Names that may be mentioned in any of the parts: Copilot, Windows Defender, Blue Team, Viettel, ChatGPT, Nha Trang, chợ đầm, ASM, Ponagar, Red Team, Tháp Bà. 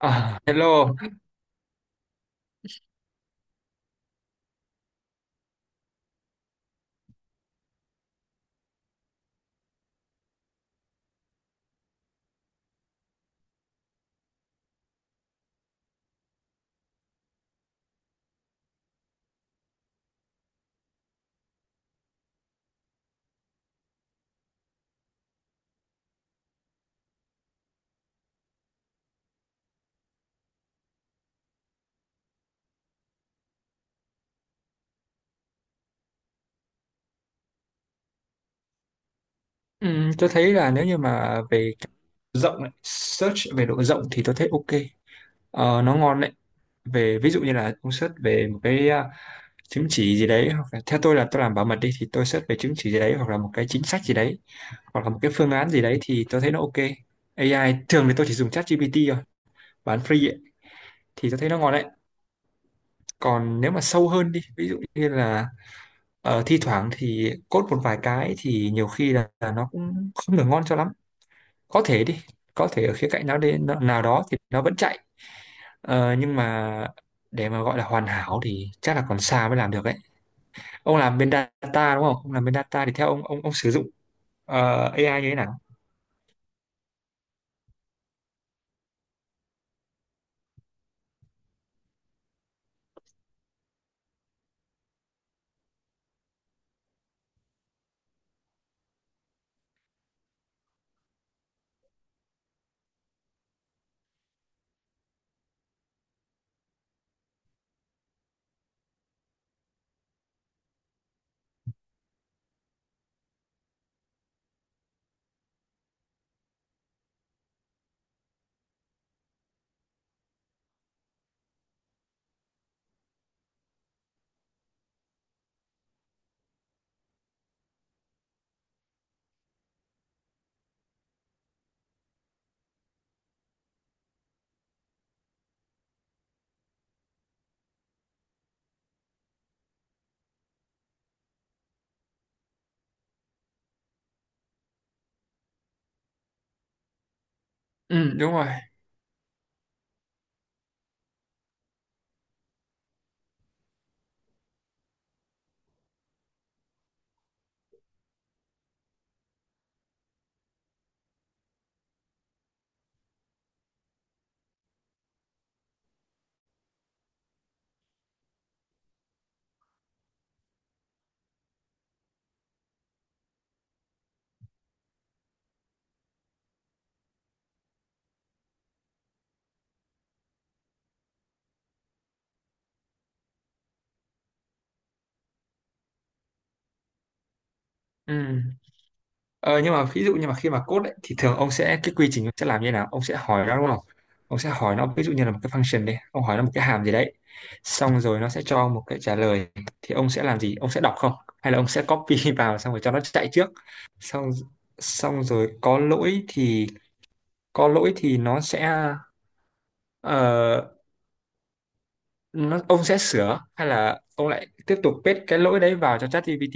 À, hello. Tôi thấy là nếu như mà về rộng ấy, search về độ rộng thì tôi thấy ok. Ờ, nó ngon đấy. Về ví dụ như là ông search về một cái à, chứng chỉ gì đấy, hoặc là, theo tôi là tôi làm bảo mật đi thì tôi search về chứng chỉ gì đấy hoặc là một cái chính sách gì đấy hoặc là một cái phương án gì đấy thì tôi thấy nó ok. AI thường thì tôi chỉ dùng ChatGPT thôi, bán free ấy, thì tôi thấy nó ngon đấy. Còn nếu mà sâu hơn đi, ví dụ như là thi thoảng thì code một vài cái thì nhiều khi là nó cũng không được ngon cho lắm, có thể đi, có thể ở khía cạnh nào đến nào đó thì nó vẫn chạy. Nhưng mà để mà gọi là hoàn hảo thì chắc là còn xa mới làm được ấy. Ông làm bên data đúng không, ông làm bên data thì theo ông, ông sử dụng AI như thế nào? Ừ, đúng rồi. Ừ. Ờ, nhưng mà ví dụ như mà khi mà code ấy, thì thường ông sẽ, cái quy trình ông sẽ làm như thế nào, ông sẽ hỏi nó đúng không, ông sẽ hỏi nó ví dụ như là một cái function đi, ông hỏi nó một cái hàm gì đấy, xong rồi nó sẽ cho một cái trả lời, thì ông sẽ làm gì, ông sẽ đọc không, hay là ông sẽ copy vào xong rồi cho nó chạy trước, xong xong rồi có lỗi thì nó sẽ, ờ, nó ông sẽ sửa hay là ông lại tiếp tục paste cái lỗi đấy vào cho ChatGPT?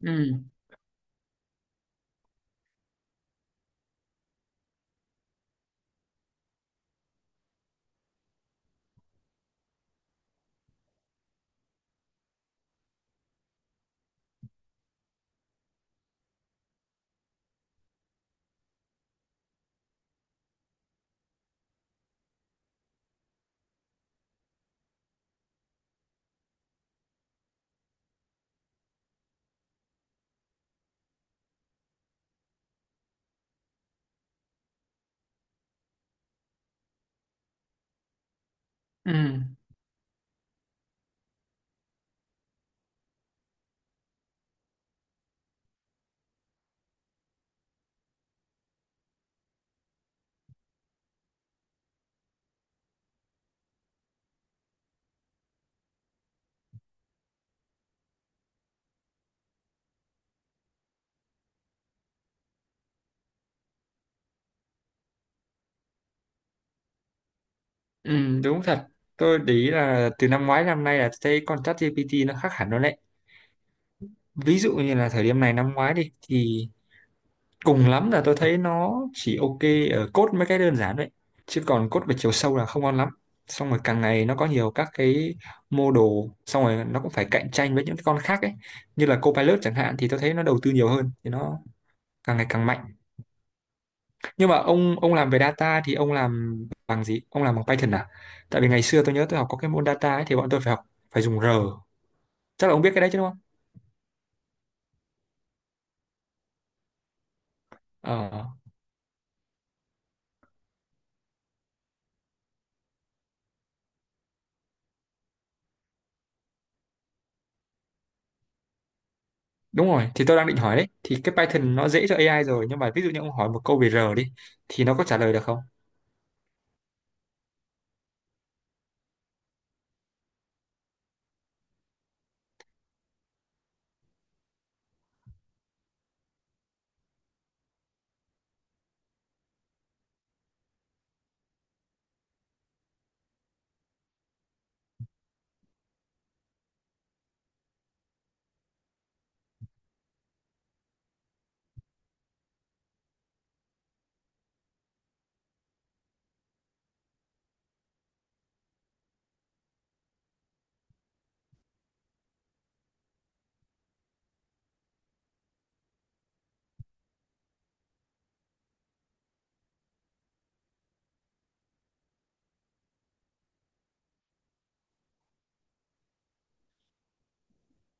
Ừ. Ừ. Ừ, đúng thật. Tôi để ý là từ năm ngoái năm nay là thấy con ChatGPT nó khác hẳn rồi đấy. Ví dụ như là thời điểm này năm ngoái đi thì cùng lắm là tôi thấy nó chỉ ok ở code mấy cái đơn giản đấy. Chứ còn code về chiều sâu là không ngon lắm. Xong rồi càng ngày nó có nhiều các cái mô đồ, xong rồi nó cũng phải cạnh tranh với những cái con khác ấy. Như là Copilot chẳng hạn thì tôi thấy nó đầu tư nhiều hơn thì nó càng ngày càng mạnh. Nhưng mà ông làm về data thì ông làm bằng gì? Ông làm bằng Python à? Tại vì ngày xưa tôi nhớ tôi học có cái môn data ấy, thì bọn tôi phải học, phải dùng R. Chắc là ông biết cái đấy chứ đúng không? Ờ, đúng rồi. Thì tôi đang định hỏi đấy. Thì cái Python nó dễ cho AI rồi, nhưng mà ví dụ như ông hỏi một câu về R đi thì nó có trả lời được không?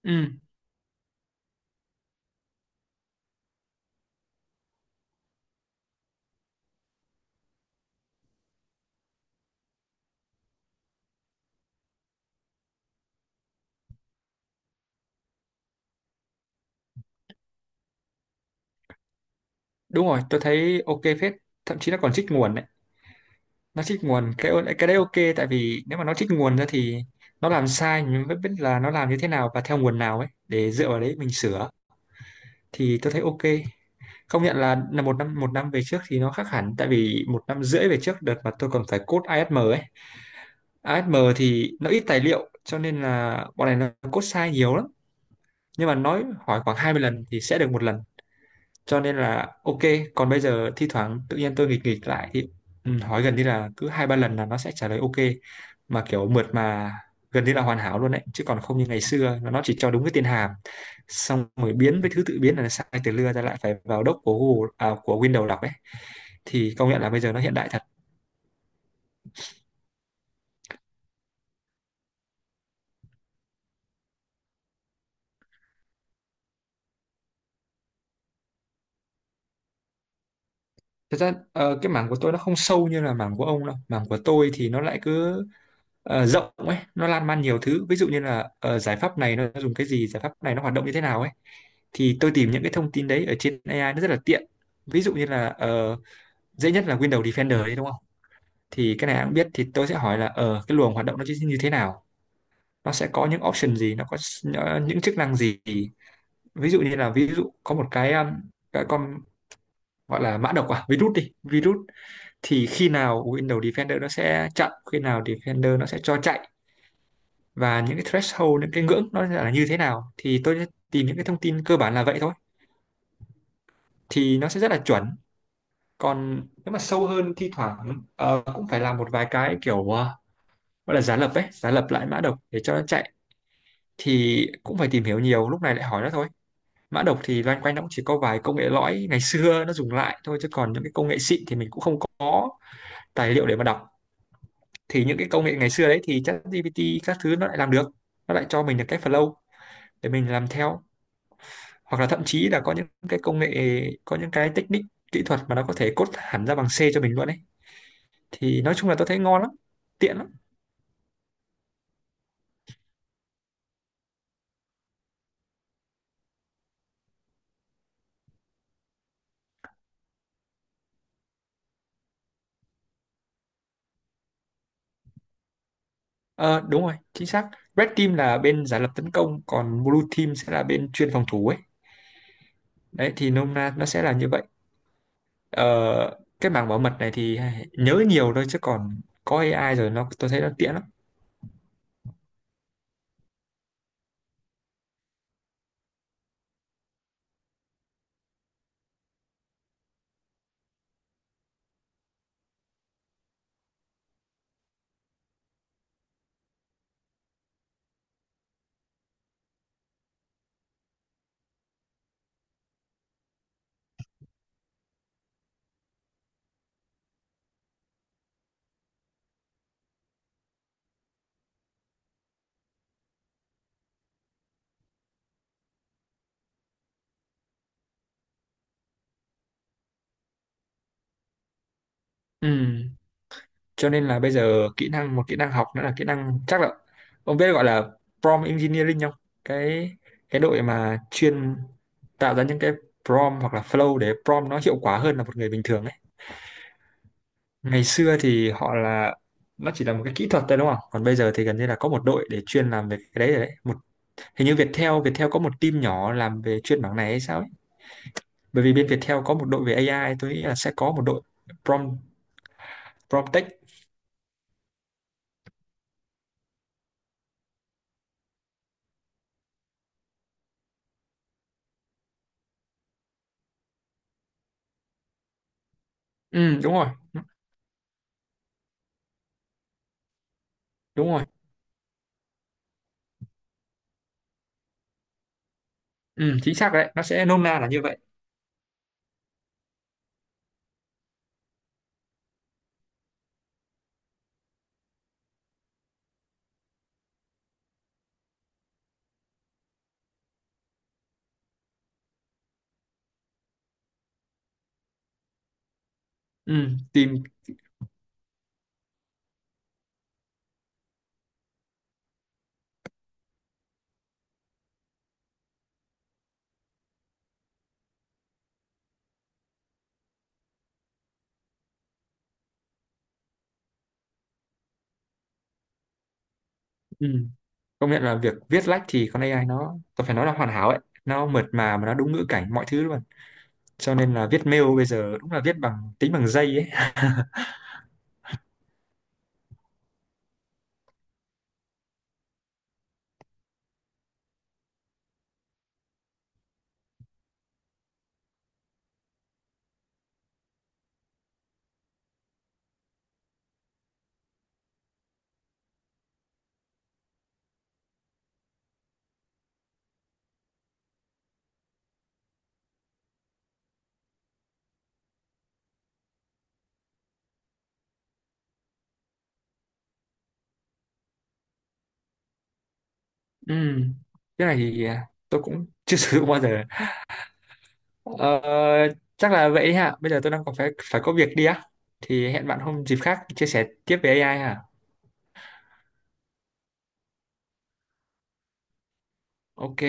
Ừ, đúng rồi. Tôi thấy ok phết. Thậm chí nó còn trích nguồn đấy. Nó trích nguồn cái đấy ok, tại vì nếu mà nó trích nguồn ra thì nó làm sai mình mới biết là nó làm như thế nào và theo nguồn nào ấy, để dựa vào đấy mình sửa. Thì tôi thấy ok. Công nhận là một năm về trước thì nó khác hẳn, tại vì một năm rưỡi về trước đợt mà tôi còn phải code ASM ấy. ASM thì nó ít tài liệu cho nên là bọn này nó code sai nhiều lắm, nhưng mà nói hỏi khoảng 20 lần thì sẽ được một lần, cho nên là ok. Còn bây giờ thi thoảng tự nhiên tôi nghịch nghịch lại thì ừ, hỏi gần như là cứ hai ba lần là nó sẽ trả lời ok, mà kiểu mượt mà, gần như là hoàn hảo luôn đấy, chứ còn không như ngày xưa là nó chỉ cho đúng cái tên hàm, xong rồi biến với thứ tự biến là sai từ lưa ra, lại phải vào đốc của Google à, của Windows đọc ấy. Thì công nhận là bây giờ nó hiện đại thật. Thật ra cái mảng của tôi nó không sâu như là mảng của ông đâu. Mảng của tôi thì nó lại cứ rộng ấy, nó lan man nhiều thứ. Ví dụ như là ờ, giải pháp này nó dùng cái gì, giải pháp này nó hoạt động như thế nào ấy. Thì tôi tìm những cái thông tin đấy ở trên AI nó rất là tiện. Ví dụ như là dễ nhất là Windows Defender đấy đúng không? Thì cái này ai cũng biết, thì tôi sẽ hỏi là ờ, cái luồng hoạt động nó như thế nào? Nó sẽ có những option gì, nó có những chức năng gì? Ví dụ như là, ví dụ có một cái con gọi là mã độc à, virus đi, virus, thì khi nào Windows Defender nó sẽ chặn, khi nào Defender nó sẽ cho chạy, và những cái threshold, những cái ngưỡng nó là như thế nào, thì tôi sẽ tìm những cái thông tin cơ bản là vậy thôi, thì nó sẽ rất là chuẩn. Còn nếu mà sâu hơn thi thoảng cũng phải làm một vài cái kiểu gọi là giả lập ấy, giả lập lại mã độc để cho nó chạy, thì cũng phải tìm hiểu, nhiều lúc này lại hỏi nó thôi. Mã độc thì loanh quanh nó cũng chỉ có vài công nghệ lõi ngày xưa nó dùng lại thôi, chứ còn những cái công nghệ xịn thì mình cũng không có tài liệu để mà đọc. Thì những cái công nghệ ngày xưa đấy thì ChatGPT các thứ nó lại làm được, nó lại cho mình được cái flow để mình làm theo, hoặc là thậm chí là có những cái công nghệ, có những cái technique kỹ thuật mà nó có thể code hẳn ra bằng C cho mình luôn ấy. Thì nói chung là tôi thấy ngon lắm, tiện lắm. Ờ, đúng rồi, chính xác. Red Team là bên giả lập tấn công, còn Blue Team sẽ là bên chuyên phòng thủ ấy. Đấy, thì nôm na nó sẽ là như vậy. ờ, cái mảng bảo mật này thì nhớ nhiều thôi, chứ còn có AI rồi nó, tôi thấy nó tiện lắm. Ừ, cho nên là bây giờ kỹ năng, một kỹ năng học nữa là kỹ năng, chắc là ông biết gọi là prompt engineering không? Cái, cái đội mà chuyên tạo ra những cái prompt hoặc là flow để prompt nó hiệu quả hơn là một người bình thường ấy. Ngày xưa thì họ là, nó chỉ là một cái kỹ thuật thôi đúng không, còn bây giờ thì gần như là có một đội để chuyên làm về cái đấy rồi đấy. Một, hình như Viettel Viettel có một team nhỏ làm về chuyên mảng này hay sao ấy, bởi vì bên Viettel có một đội về AI, tôi nghĩ là sẽ có một đội prompt, prompt tech. Ừ, đúng rồi. Đúng rồi. Ừ, chính xác rồi đấy, nó sẽ nôm na là như vậy. Ừ, tìm. Ừ. Công nhận là việc viết lách thì con AI nó, tôi phải nói là hoàn hảo ấy, nó mượt mà nó đúng ngữ cảnh mọi thứ luôn, cho nên là viết mail bây giờ đúng là viết bằng tính bằng dây ấy. Ừ. Cái này thì à, tôi cũng chưa sử dụng bao giờ. Ờ, chắc là vậy hả, bây giờ tôi đang còn phải, phải có việc đi á, thì hẹn bạn hôm dịp khác chia sẻ tiếp về AI hả. Ok.